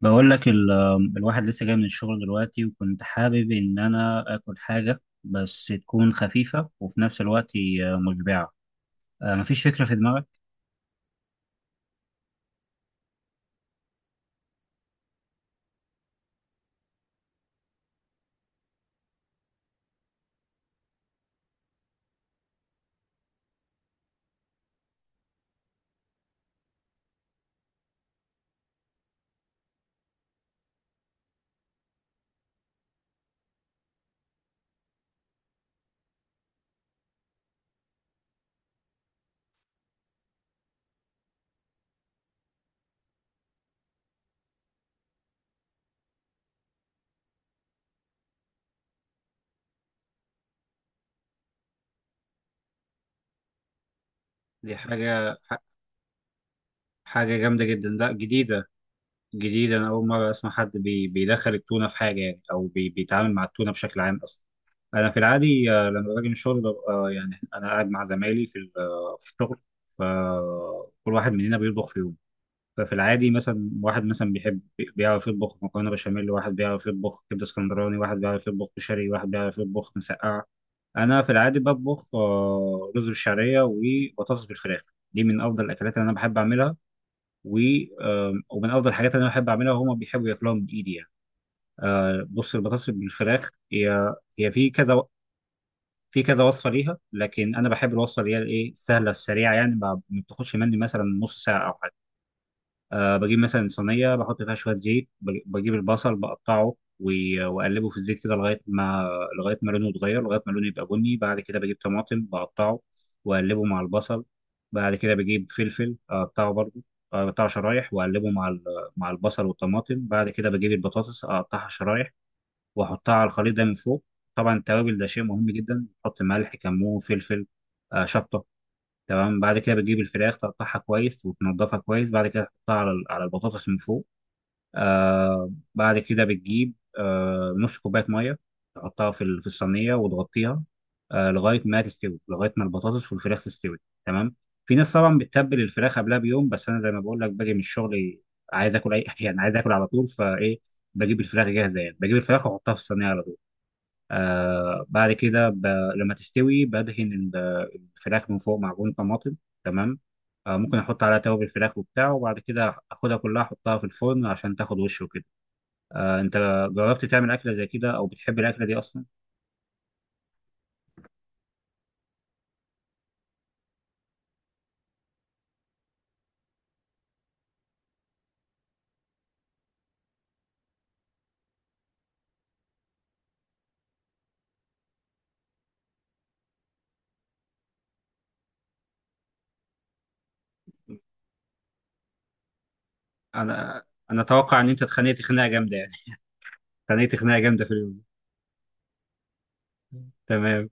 بقول لك ال- الواحد لسه جاي من الشغل دلوقتي وكنت حابب إن أنا آكل حاجة بس تكون خفيفة وفي نفس الوقت مشبعة. مفيش فكرة في دماغك؟ دي حاجة ح- حاجة جامدة جدا، لا جديدة. جديدة، أنا أول مرة أسمع حد بيدخل التونة في حاجة يعني، أو بيتعامل مع التونة بشكل عام أصلا. أنا في العادي لما باجي من الشغل ببقى يعني أنا قاعد مع زمايلي في ال- آه، في الشغل، فكل واحد مننا بيطبخ في يوم. ففي العادي مثلا واحد مثلا بيحب، بيعرف يطبخ مكرونه بشاميل، واحد بيعرف يطبخ كبده اسكندراني، واحد بيعرف يطبخ كشري، واحد بيعرف يطبخ مسقعه. انا في العادي بطبخ رز بالشعريه وبطاطس بالفراخ. دي من افضل الاكلات اللي انا بحب اعملها، و ومن افضل الحاجات اللي انا بحب اعملها وهما بيحبوا ياكلوها من ايدي يعني. بص، البطاطس بالفراخ هي في كذا، في كذا وصفه ليها، لكن انا بحب الوصفه اللي هي الايه، السهله السريعه، يعني ما بتاخدش مني مثلا نص ساعه او حاجه. أه بجيب مثلا صينية بحط فيها شوية زيت، بجيب البصل بقطعه وأقلبه في الزيت كده لغاية ما، لغاية ما لونه يتغير، لغاية ما لونه يبقى بني. بعد كده بجيب طماطم بقطعه وأقلبه مع البصل. بعد كده بجيب فلفل أقطعه برضه، أقطعه شرايح وأقلبه مع البصل والطماطم. بعد كده بجيب البطاطس أقطعها شرايح وأحطها على الخليط ده من فوق. طبعا التوابل ده شيء مهم جدا، بحط ملح كمون فلفل، شطة. تمام. بعد كده بتجيب الفراخ تقطعها كويس وتنضفها كويس، بعد كده تحطها على البطاطس من فوق. آه بعد كده بتجيب آه نص كوباية مية تحطها في الصينية وتغطيها، آه لغاية ما تستوي، لغاية ما البطاطس والفراخ تستوي. تمام. في ناس طبعا بتتبل الفراخ قبلها بيوم، بس أنا زي ما بقول لك باجي من الشغل عايز آكل أي يعني عايز آكل على طول، فإيه بجيب الفراخ جاهزة، يعني بجيب الفراخ وأحطها في الصينية على طول. آه بعد كده ب... لما تستوي بدهن الفراخ من فوق معجون طماطم. تمام. آه ممكن احط عليها توابل الفراخ وبتاع، وبعد كده اخدها كلها احطها في الفرن عشان تاخد وش وكده. آه، انت جربت تعمل اكله زي كده او بتحب الاكله دي اصلا؟ انا انا اتوقع ان انت اتخانقت خناقه جامده يعني. اتخانقت خناقه جامده في اليوم. تمام.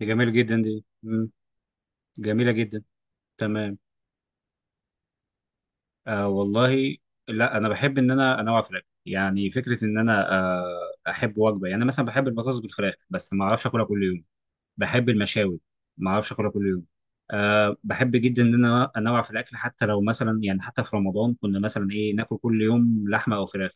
دي جميل جدا دي. مم. جميله جدا. تمام. آه والله، لا انا بحب ان انا انوع في الاكل، يعني فكره ان انا آه احب وجبه، يعني أنا مثلا بحب البطاطس بالفراخ بس ما اعرفش اكلها كل يوم. بحب المشاوي ما اعرفش اكلها كل يوم. آه بحب جدا ان انا انوع في الاكل، حتى لو مثلا يعني حتى في رمضان كنا مثلا ايه، ناكل كل يوم لحمه او فراخ.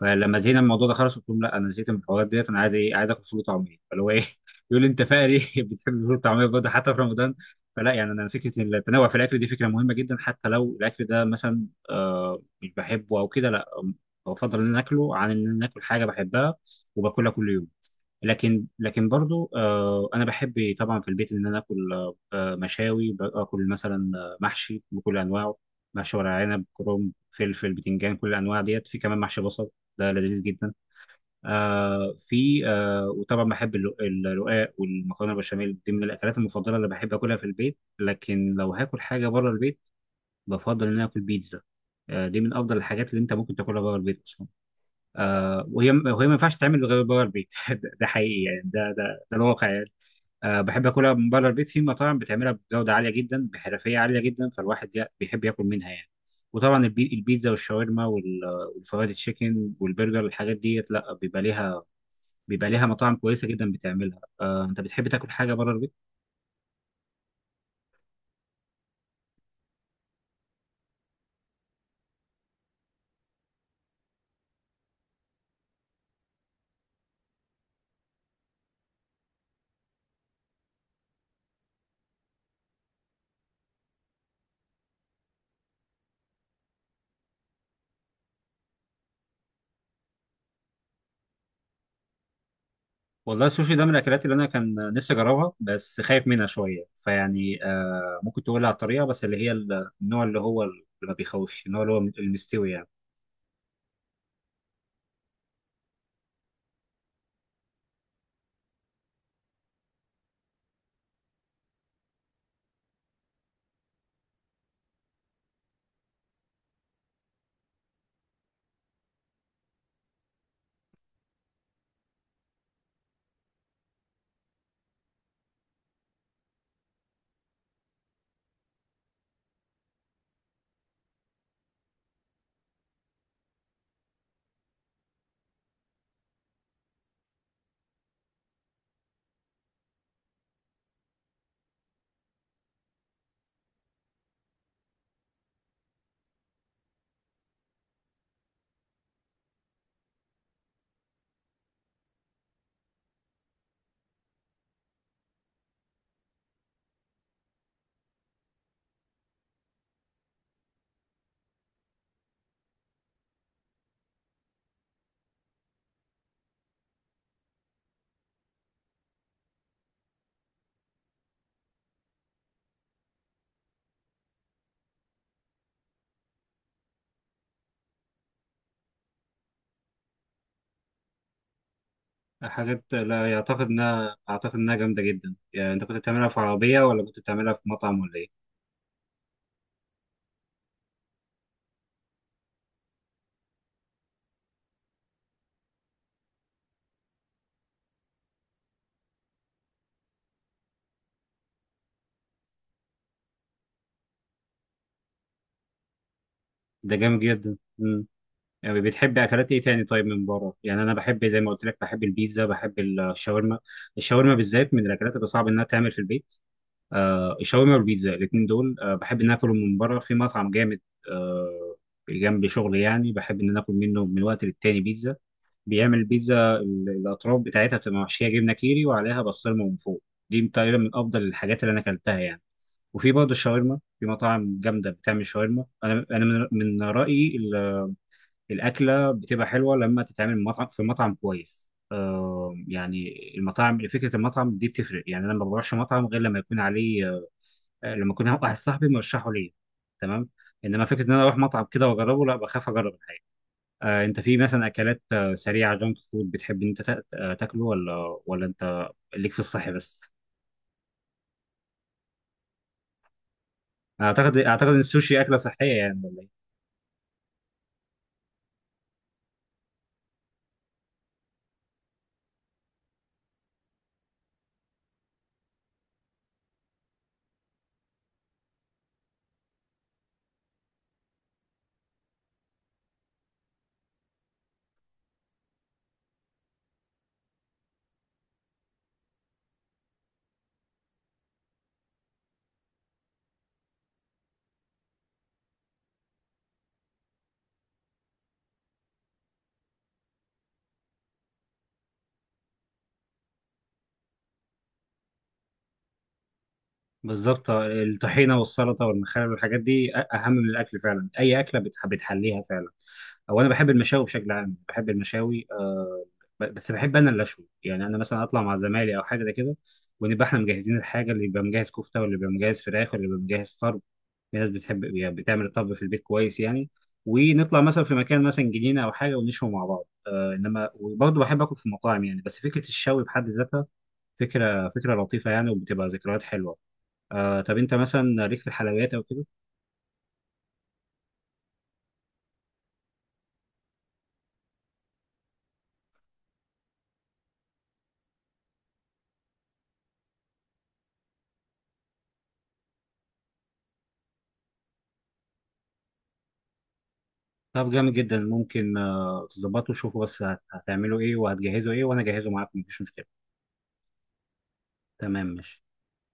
فلما زهقنا من الموضوع ده خلاص قلت لهم لا، انا زهقت من الحوارات ديت، انا عايز ايه، عايز اكل فول وطعميه، فاللي هو ايه يقول لي انت فقري بتحب الفول والطعميه برضه حتى في رمضان. فلا، يعني انا فكره التنوع في الاكل دي فكره مهمه جدا، حتى لو الاكل ده مثلا آه مش بحبه او كده، لا بفضل ان أنا اكله، عن ان أنا اكل حاجه بحبها وباكلها كل يوم. لكن برضو انا بحب طبعا في البيت ان انا اكل مشاوي، باكل مثلا محشي بكل انواعه، محشي ورق عنب كرنب فلفل بتنجان، كل الانواع ديت، في كمان محشي بصل ده لذيذ جدا. آه في آه وطبعا بحب الرقاق والمكرونه البشاميل، دي من الاكلات المفضله اللي بحب اكلها في البيت. لكن لو هاكل حاجه بره البيت بفضل ان انا اكل بيتزا. آه دي من افضل الحاجات اللي انت ممكن تاكلها بره البيت اصلا. آه وهي ما ينفعش تتعمل غير بره البيت ده حقيقي يعني، ده ده الواقع يعني. آه بحب اكلها من بره البيت في مطاعم بتعملها بجوده عاليه جدا، بحرفيه عاليه جدا، فالواحد بيحب ياكل منها يعني. وطبعا البيتزا والشاورما والفرايد تشيكن والبرجر، الحاجات ديت لا بيبقى ليها، بيبقى ليها مطاعم كويسه جدا بتعملها. آه، انت بتحب تاكل حاجه بره البيت؟ والله السوشي ده من الاكلات اللي انا كان نفسي اجربها بس خايف منها شويه، فيعني آه ممكن تقول لي على الطريقه بس، اللي هي النوع اللي هو اللي ما بيخوفش، النوع اللي هو المستوي يعني. حاجات لا، يعتقد انها اعتقد انها جامده جدا يعني. انت كنت بتعملها في عربيه ولا كنت بتعملها في مطعم ولا ايه؟ ده جامد جدا. امم، يعني بتحب اكلات ايه تاني طيب من بره؟ يعني انا بحب زي ما قلت لك، بحب البيتزا، بحب الشاورما. الشاورما بالذات من الاكلات اللي صعب انها تعمل في البيت. آه الشاورما والبيتزا الاثنين دول آه بحب ان اكلهم من بره في مطعم جامد. آه جنب شغلي يعني بحب ان أنا اكل منه من وقت للتاني بيتزا، بيعمل بيتزا الاطراف بتاعتها بتبقى محشيه جبنه كيري وعليها بسطرمه من فوق. دي تقريبا من افضل الحاجات اللي انا اكلتها يعني. وفي برضه الشاورما في مطاعم جامده بتعمل شاورما. انا من رايي الاكله بتبقى حلوه لما تتعمل من مطعم، في مطعم كويس آه يعني. المطاعم، فكره المطعم دي بتفرق، يعني انا ما بروحش مطعم غير لما يكون عليه لما يكون واحد صاحبي مرشحه ليا. تمام. انما فكره ان انا اروح مطعم كده واجربه لا، بخاف اجرب الحاجه. انت في مثلا اكلات سريعه جانك فود بتحب ان انت تاكله، ولا انت ليك في الصحي بس؟ اعتقد ان السوشي اكله صحيه يعني ولا ايه؟ بالظبط، الطحينه والسلطه والمخلل والحاجات دي اهم من الاكل فعلا، اي اكله بتحليها فعلا. او انا بحب المشاوي بشكل عام، بحب المشاوي بس بحب انا اللي اشوي، يعني انا مثلا اطلع مع زمايلي او حاجه زي كده، ونبقى احنا مجهزين الحاجه، اللي يبقى مجهز كفته واللي يبقى مجهز فراخ واللي يبقى مجهز طرب. في ناس بتحب يعني بتعمل الطبخ في البيت كويس يعني، ونطلع مثلا في مكان مثلا جنينه او حاجه ونشوي مع بعض. آه انما وبرضه بحب اكل في مطاعم يعني، بس فكره الشوي بحد ذاتها فكره لطيفه يعني وبتبقى ذكريات حلوه. آه طب انت مثلا ليك في الحلويات او كده؟ طب جامد جدا، ممكن آه تظبطوا شوفوا بس هتعملوا ايه وهتجهزوا ايه، وانا اجهزه معاكم مفيش مشكله. تمام ماشي.